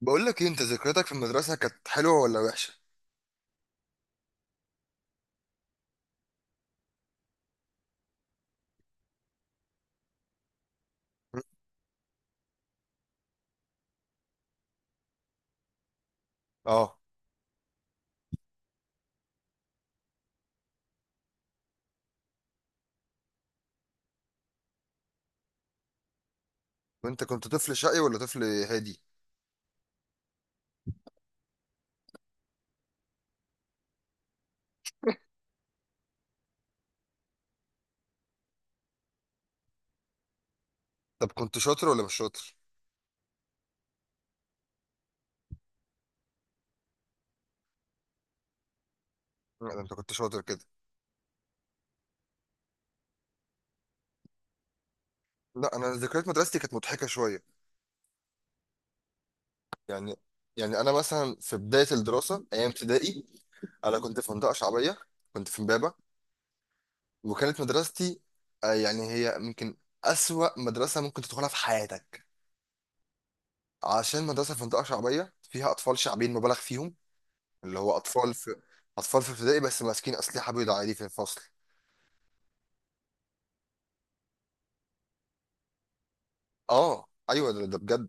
بقول لك ايه، انت ذكرياتك في المدرسه كانت حلوه ولا وحشه؟ م? اه. وانت كنت طفل شقي ولا طفل هادي؟ طب كنت شاطر ولا مش شاطر؟ لا ده انت كنت شاطر كده. لا انا ذكريات مدرستي كانت مضحكه شويه. يعني انا مثلا في بدايه الدراسه ايام ابتدائي انا كنت في منطقه شعبيه، كنت في امبابه، وكانت مدرستي يعني هي يمكن اسوأ مدرسه ممكن تدخلها في حياتك. عشان مدرسه في منطقه شعبيه فيها اطفال شعبيين مبالغ فيهم، اللي هو اطفال في اطفال في ابتدائي بس ماسكين اسلحه بيضاء عادي في الفصل. اه ايوه، ده بجد.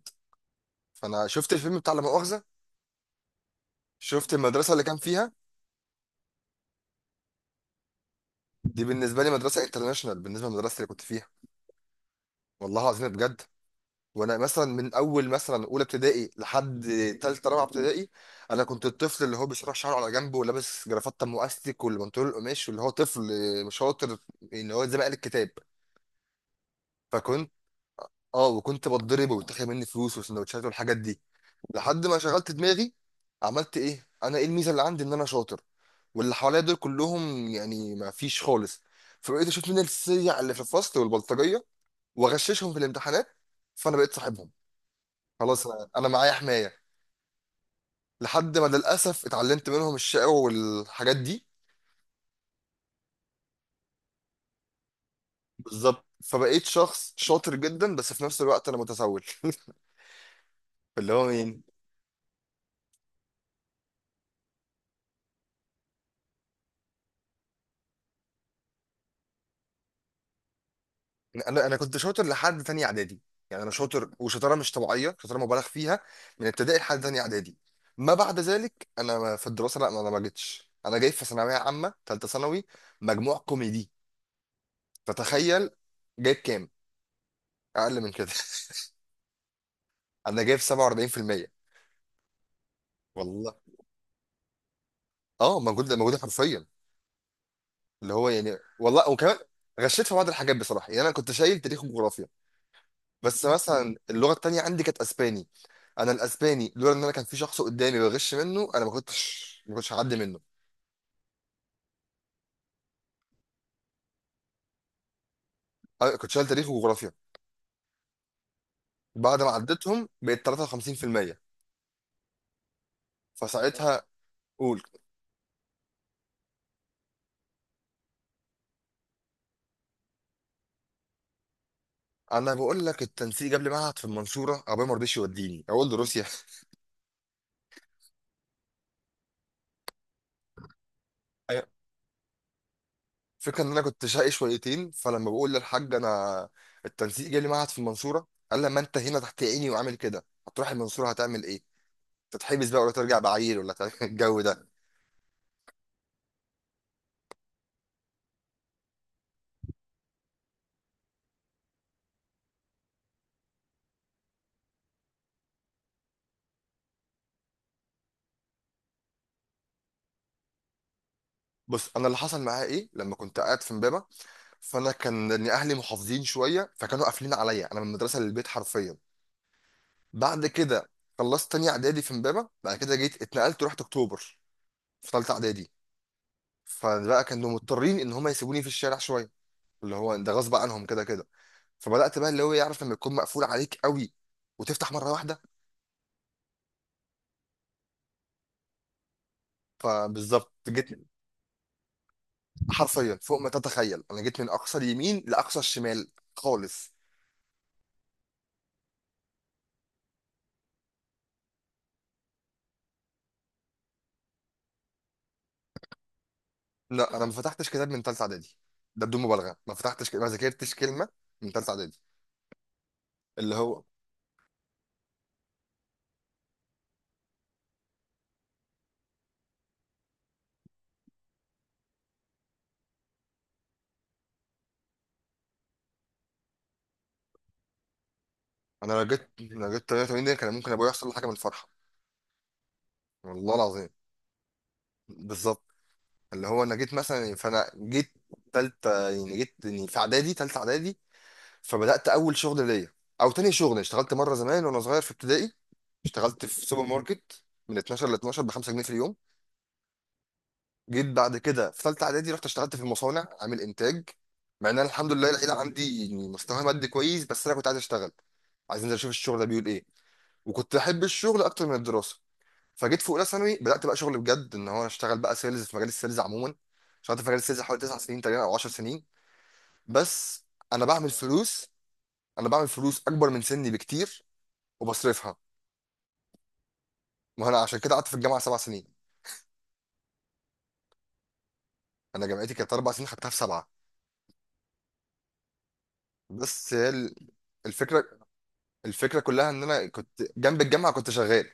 فانا شفت الفيلم بتاع لا مؤاخذه، شفت المدرسه اللي كان فيها. دي بالنسبه لي مدرسه انترناشونال بالنسبه للمدرسه اللي كنت فيها، والله العظيم بجد. وانا مثلا من اول مثلا اولى ابتدائي لحد ثالثه رابعه ابتدائي انا كنت الطفل اللي هو بيشرح شعره على جنبه ولابس جرافته ام الاستيك والبنطلون القماش واللي هو طفل مش شاطر، اللي هو زي ما قال الكتاب. فكنت، اه، وكنت بتضرب وبيتاخد مني فلوس وسندوتشات والحاجات دي. لحد ما شغلت دماغي، عملت ايه؟ انا ايه الميزه اللي عندي؟ ان انا شاطر واللي حواليا دول كلهم يعني ما فيش خالص. فبقيت اشوف مين السيع اللي في الفصل والبلطجيه واغششهم في الامتحانات، فانا بقيت صاحبهم. خلاص انا معايا حمايه. لحد ما للاسف اتعلمت منهم الشقاوه والحاجات دي. بالظبط. فبقيت شخص شاطر جدا بس في نفس الوقت انا متسول اللي هو مين؟ انا كنت شاطر لحد تانية اعدادي. يعني انا شاطر، وشطاره مش طبيعيه، شطاره مبالغ فيها، من ابتدائي لحد تانية اعدادي. ما بعد ذلك انا في الدراسه لا، انا ما جيتش. انا جاي في ثانويه عامه ثالثه ثانوي مجموع كوميدي، فتخيل. جايب كام؟ اقل من كده. انا جايب 47%، والله. اه موجود موجود حرفيا، اللي هو يعني والله. وكمان غشيت في بعض الحاجات بصراحه، يعني انا كنت شايل تاريخ وجغرافيا. بس مثلا اللغه التانيه عندي كانت اسباني، انا الاسباني لولا ان انا كان في شخص قدامي بغش منه انا ما كنتش هعدي منه. أنا كنت شايل تاريخ وجغرافيا، بعد ما عديتهم بقيت 53%. فساعتها، قول. انا بقول لك التنسيق قبل معهد في المنصوره، ابويا ما رضيش يوديني اقول له روسيا. أيوة. فكرة ان انا كنت شقي شويتين، فلما بقول للحاج انا التنسيق جالي معهد في المنصوره، قال لي: ما انت هنا تحت عيني وعامل كده، هتروح المنصوره هتعمل ايه؟ تتحبس بقى، ولا ترجع بعيل، ولا تعمل الجو ده. بص، انا اللي حصل معايا ايه، لما كنت قاعد في امبابه فانا كان إن اهلي محافظين شويه، فكانوا قافلين عليا انا من المدرسه للبيت حرفيا. بعد كده خلصت تانية اعدادي في امبابه، بعد كده جيت اتنقلت ورحت اكتوبر في ثالثه اعدادي. فبقى كانوا مضطرين ان هم يسيبوني في الشارع شويه، اللي هو ده غصب عنهم كده كده. فبدات بقى، اللي هو يعرف لما يكون مقفول عليك قوي وتفتح مره واحده. فبالظبط جيت حرفيا فوق ما تتخيل، انا جيت من اقصى اليمين لاقصى الشمال خالص. لا، انا ما فتحتش كتاب من ثالثه اعدادي، ده بدون مبالغه، ما فتحتش ك- ما ذاكرتش كلمه من ثالثه اعدادي. اللي هو، انا لو جيت 88 دي كان ممكن ابويا يحصل له حاجه من الفرحه، والله العظيم. بالظبط، اللي هو انا جيت مثلا، فانا جيت ثالثه، يعني جيت يعني في اعدادي ثالثه اعدادي. فبدات اول شغل ليا، او تاني شغل، اشتغلت مره زمان وانا صغير في ابتدائي، اشتغلت في سوبر ماركت من 12 ل 12 ب 5 جنيه في اليوم. جيت بعد كده في ثالثه اعدادي رحت اشتغلت في المصانع عامل انتاج، مع ان انا الحمد لله العيله عندي يعني مستوى مادي كويس، بس انا كنت عايز اشتغل، عايز انزل اشوف الشغل ده بيقول ايه، وكنت احب الشغل اكتر من الدراسه. فجيت في اولى ثانوي بدات بقى شغل بجد، ان هو انا اشتغل بقى سيلز، في مجال السيلز عموما اشتغلت في مجال السيلز حوالي 9 سنين تقريبا او 10 سنين. بس انا بعمل فلوس انا بعمل فلوس اكبر من سني بكتير وبصرفها. ما انا عشان كده قعدت في الجامعه سبع سنين، انا جامعتي كانت اربع سنين خدتها في سبعه. بس هي الفكره، الفكره كلها ان انا كنت جنب الجامعه كنت شغال.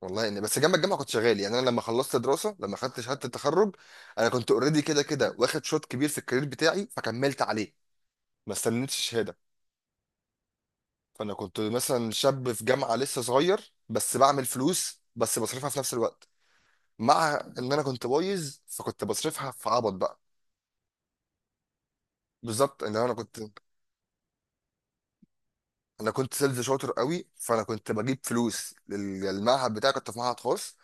والله اني بس جنب الجامعه كنت شغال، يعني انا لما خلصت دراسه لما خدت شهاده التخرج انا كنت اوريدي كده كده واخد شوط كبير في الكارير بتاعي فكملت عليه، ما استنيتش شهاده. فانا كنت مثلا شاب في جامعه لسه صغير بس بعمل فلوس، بس بصرفها في نفس الوقت مع ان انا كنت بايظ فكنت بصرفها في عبط بقى. بالظبط ان انا كنت، انا كنت سيلز شاطر قوي، فانا كنت بجيب فلوس المعهد بتاعي، كنت في معهد خاص،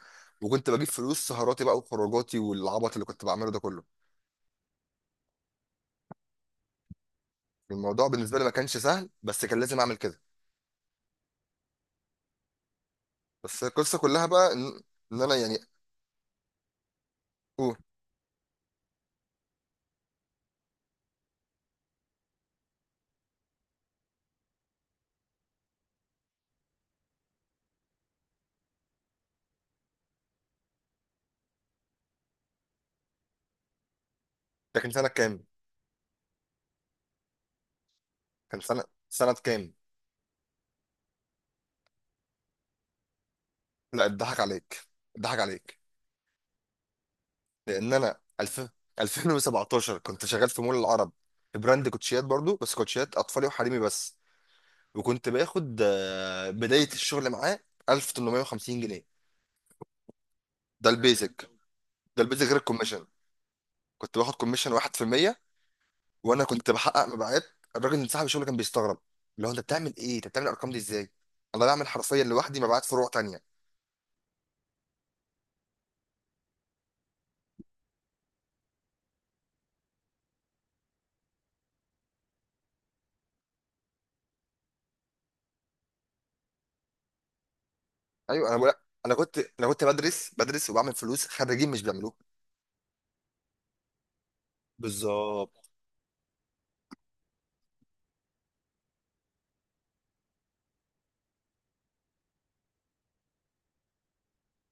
وكنت بجيب فلوس سهراتي بقى وخروجاتي والعبط اللي كنت بعمله ده كله. الموضوع بالنسبه لي ما كانش سهل بس كان لازم اعمل كده. بس القصه كلها بقى إن انا يعني، اوه. ده كان سنه كام؟ كان سنه كام؟ لا اتضحك عليك، اتضحك عليك، لان انا 2000، 2017 كنت شغال في مول العرب، في براند كوتشيات برضو بس كوتشيات اطفالي وحريمي بس، وكنت باخد بداية الشغل معاه 1850 جنيه. ده البيزك، ده البيزك غير الكوميشن. كنت باخد كوميشن 1%، وانا كنت بحقق مبيعات. الراجل من صاحب الشغل كان بيستغرب، اللي هو انت بتعمل ايه؟ انت بتعمل الارقام دي ازاي؟ انا بعمل حرفيا لوحدي مبيعات فروع تانية. ايوه انا بقول، انا كنت بدرس، بدرس وبعمل فلوس خريجين مش بيعملوها. بالظبط.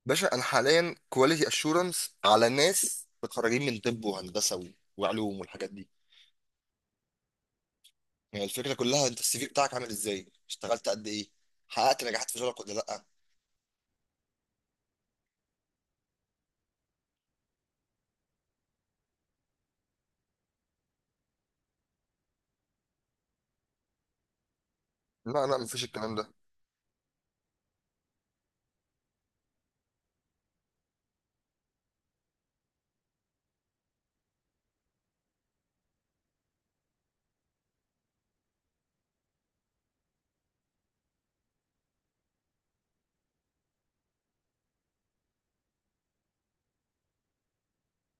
باشا انا حاليا كواليتي اشورنس على ناس متخرجين من طب وهندسه وعلوم والحاجات دي. هي الفكرة كلها انت السي في بتاعك عامل ازاي، اشتغلت قد ايه، حققت نجاحات في شغلك ولا لا. لا لا، مفيش الكلام ده.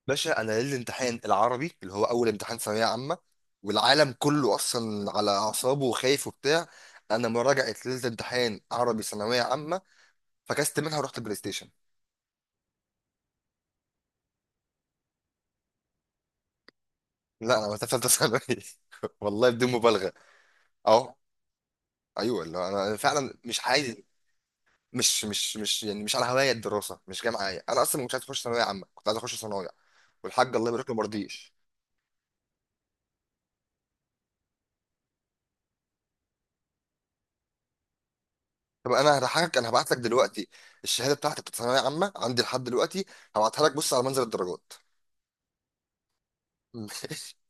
باشا انا ليلة الامتحان العربي اللي هو اول امتحان ثانوية عامة، والعالم كله اصلا على اعصابه وخايف وبتاع، انا مراجعة ليلة امتحان عربي ثانوية عامة فكست منها ورحت بلاي ستيشن. لا انا وقتها في ثالثة ثانوي والله بدون مبالغة. اهو. ايوه اللي هو انا فعلا مش عايز، مش يعني مش على هواية الدراسة، مش جاي معايا، انا اصلا مش عايز اخش ثانوية عامة، كنت عايز اخش صنايع، والحاج الله يبارك له مرضيش. طب انا هضحكك، انا هبعت لك دلوقتي الشهاده بتاعتي بتاعت ثانويه عامه عندي لحد دلوقتي، هبعتها لك بص على منزل الدرجات.